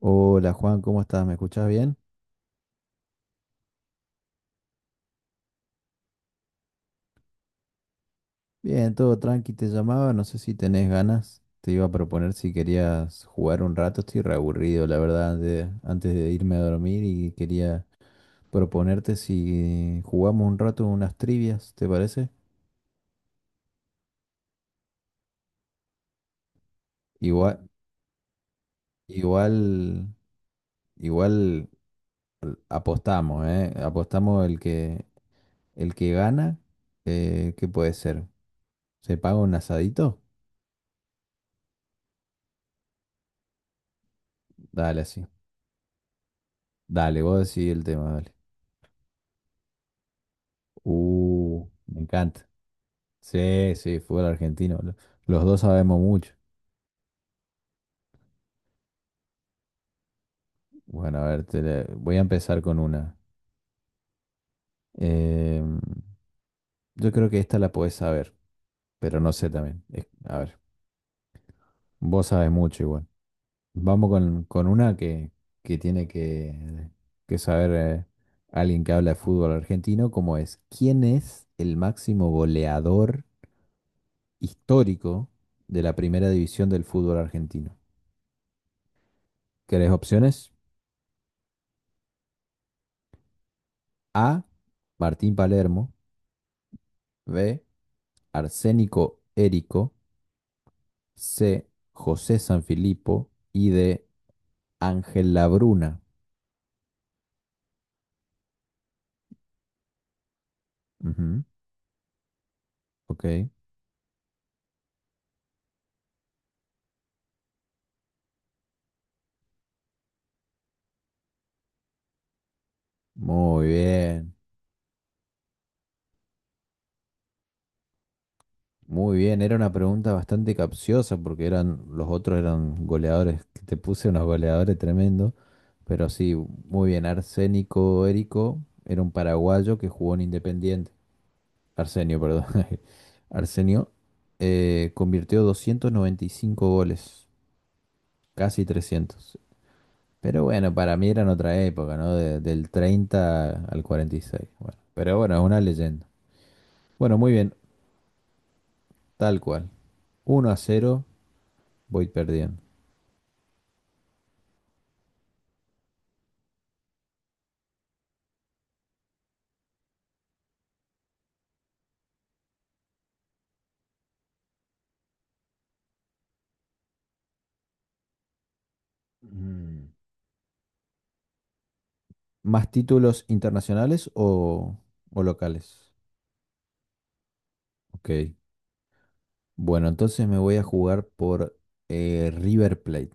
Hola Juan, ¿cómo estás? ¿Me escuchás bien? Bien, todo tranqui, te llamaba, no sé si tenés ganas, te iba a proponer si querías jugar un rato, estoy reaburrido, la verdad, antes de irme a dormir y quería proponerte si jugamos un rato unas trivias, ¿te parece? Igual, igual, igual Apostamos, ¿eh? Apostamos el que gana, ¿qué puede ser? ¿Se paga un asadito? Dale así. Dale, vos decidí el tema, dale. Me encanta. Sí, sí, fútbol argentino. Los dos sabemos mucho. Bueno, a ver, voy a empezar con una. Em, yo creo que esta la podés saber, pero no sé también. A ver, vos sabes mucho igual. Vamos con una que tiene que saber alguien que habla de fútbol argentino, como es, ¿quién es el máximo goleador histórico de la primera división del fútbol argentino? ¿Querés opciones? A, Martín Palermo. B, Arsénico Érico. C, José Sanfilippo. Y de Ángel Labruna. Ujú. Ok, muy bien, muy bien. Era una pregunta bastante capciosa porque eran, los otros eran goleadores, que te puse unos goleadores tremendos, pero sí, muy bien. Arsénico Érico era un paraguayo que jugó en Independiente. Arsenio, perdón. Arsenio convirtió 295 goles, casi 300. Pero bueno, para mí era en otra época, ¿no? Del 30 al 46. Bueno, pero bueno, es una leyenda. Bueno, muy bien, tal cual. Uno a cero, voy perdiendo. Mm. ¿Más títulos internacionales o locales? Ok. Bueno, entonces me voy a jugar por River Plate.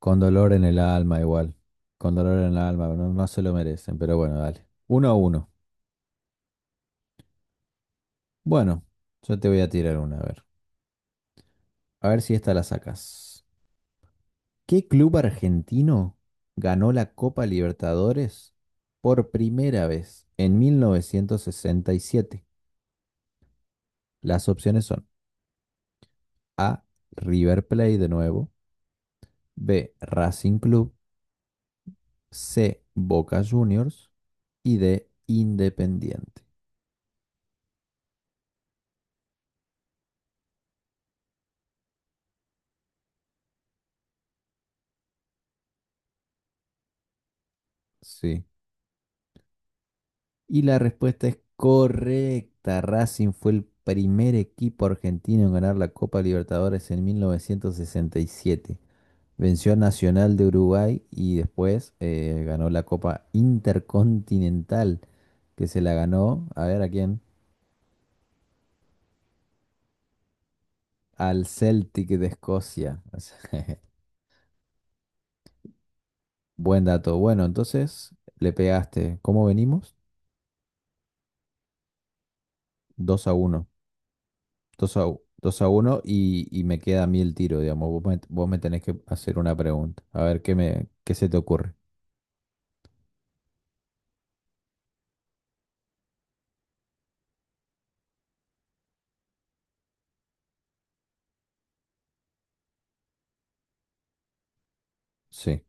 Con dolor en el alma, igual. Con dolor en el alma, no, no se lo merecen, pero bueno, dale. Uno a uno. Bueno, yo te voy a tirar una, a ver. A ver si esta la sacas. ¿Qué club argentino ganó la Copa Libertadores por primera vez en 1967? Las opciones son A, River Plate de nuevo; B, Racing Club; C, Boca Juniors; y D, Independiente. Sí. Y la respuesta es correcta. Racing fue el primer equipo argentino en ganar la Copa Libertadores en 1967. Venció a Nacional de Uruguay y después ganó la Copa Intercontinental, que se la ganó, a ver a quién, al Celtic de Escocia. O sea, buen dato. Bueno, entonces le pegaste. ¿Cómo venimos? Dos a uno. 2 a uno y me queda a mí el tiro, digamos. Vos me tenés que hacer una pregunta. A ver qué se te ocurre. Sí.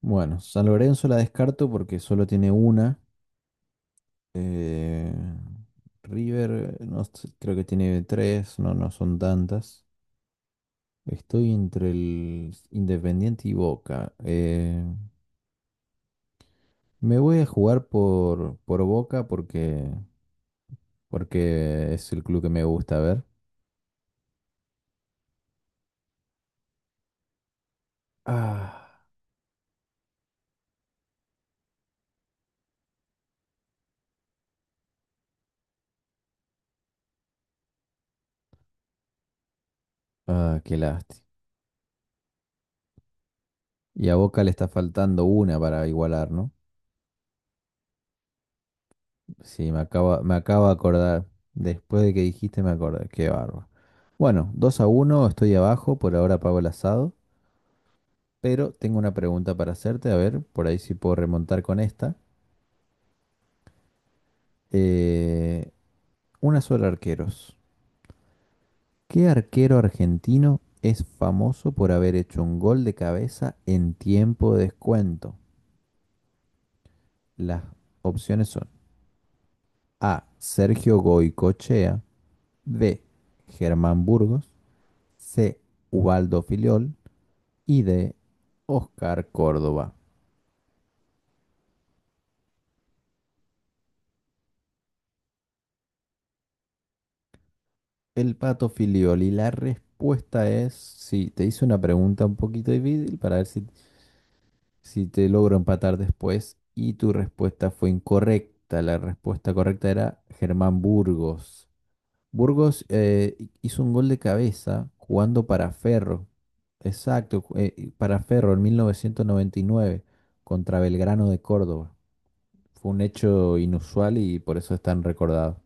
Bueno, San Lorenzo la descarto porque solo tiene una. Eh, River, no, sé, creo que tiene tres, no, no son tantas. Estoy entre el Independiente y Boca. Me voy a jugar por Boca porque, porque es el club que me gusta ver. Ah, ah, qué lástima. Y a Boca le está faltando una para igualar, ¿no? Sí, me acabo de acordar. Después de que dijiste, me acordé. Qué bárbaro. Bueno, 2 a uno estoy abajo, por ahora pago el asado. Pero tengo una pregunta para hacerte, a ver, por ahí si puedo remontar con esta. Eh, una sola arqueros. ¿Qué arquero argentino es famoso por haber hecho un gol de cabeza en tiempo de descuento? Las opciones son A, Sergio Goicochea; B, Germán Burgos; C, Ubaldo Filiol; y D, Oscar Córdoba. El Pato Filiol. Y la respuesta es, sí, te hice una pregunta un poquito difícil para ver si te logro empatar después y tu respuesta fue incorrecta. La respuesta correcta era Germán Burgos. Burgos hizo un gol de cabeza jugando para Ferro. Exacto, para Ferro en 1999 contra Belgrano de Córdoba. Fue un hecho inusual y por eso es tan recordado.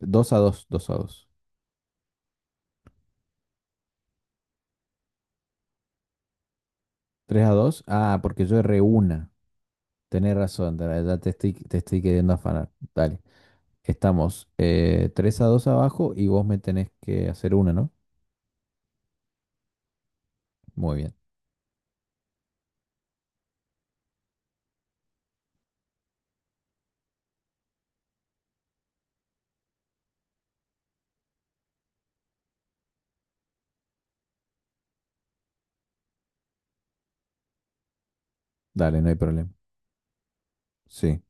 2 a dos, dos a dos. Tres a dos. Ah, porque yo erré una. Tenés razón, ya te estoy queriendo afanar. Dale. Estamos 3 a 2 abajo y vos me tenés que hacer una, ¿no? Muy bien. Dale, no hay problema. Sí.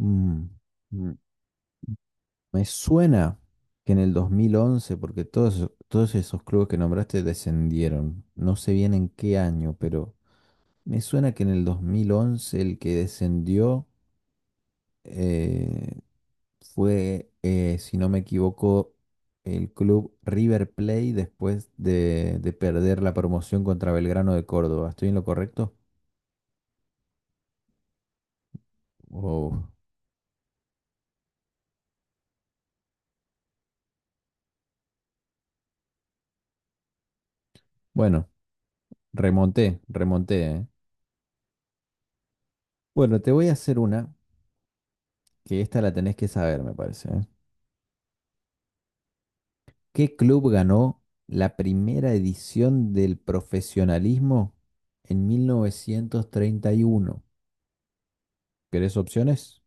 Mm, mm, me suena que en el 2011 porque todos, todos esos clubes que nombraste descendieron. No sé bien en qué año, pero me suena que en el 2011 el que descendió eh, fue, si no me equivoco, el club River Plate después de perder la promoción contra Belgrano de Córdoba. ¿Estoy en lo correcto? O- Bueno, remonté, remonté, ¿eh? Bueno, te voy a hacer una, que esta la tenés que saber, me parece, ¿eh? ¿Qué club ganó la primera edición del profesionalismo en 1931? ¿Querés opciones?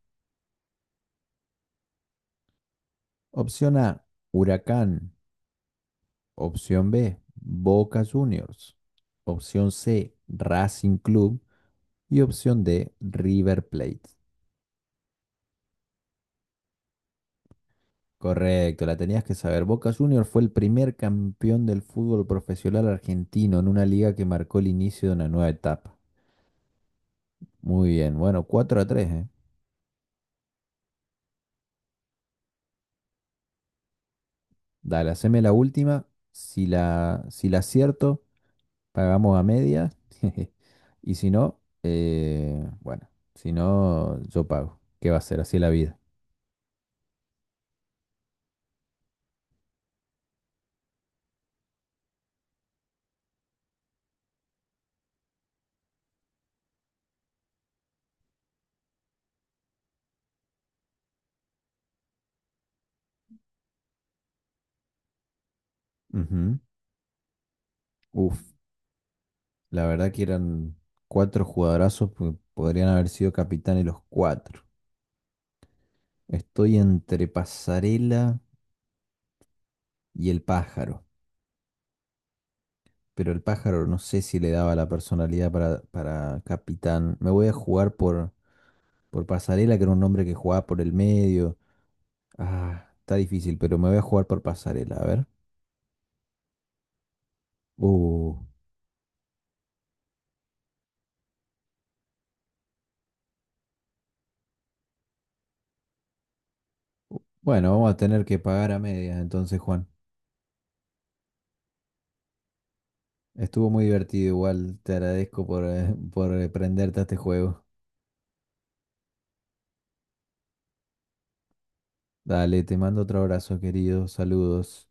Opción A, Huracán. Opción B, Boca Juniors. Opción C, Racing Club. Y opción D, River Plate. Correcto, la tenías que saber. Boca Juniors fue el primer campeón del fútbol profesional argentino en una liga que marcó el inicio de una nueva etapa. Muy bien, bueno, 4 a tres, ¿eh? Dale, haceme la última. Si la acierto, pagamos a media. Y si no, bueno, si no, yo pago. ¿Qué va a ser? Así es la vida. Ujú. Uf, la verdad que eran cuatro jugadorazos que podrían haber sido capitanes los cuatro. Estoy entre Pasarela y el pájaro, pero el pájaro no sé si le daba la personalidad para capitán. Me voy a jugar por Pasarela, que era un hombre que jugaba por el medio. Ah, está difícil, pero me voy a jugar por Pasarela, a ver. Uh, bueno, vamos a tener que pagar a medias entonces, Juan. Estuvo muy divertido igual, te agradezco por prenderte a este juego. Dale, te mando otro abrazo, querido. Saludos.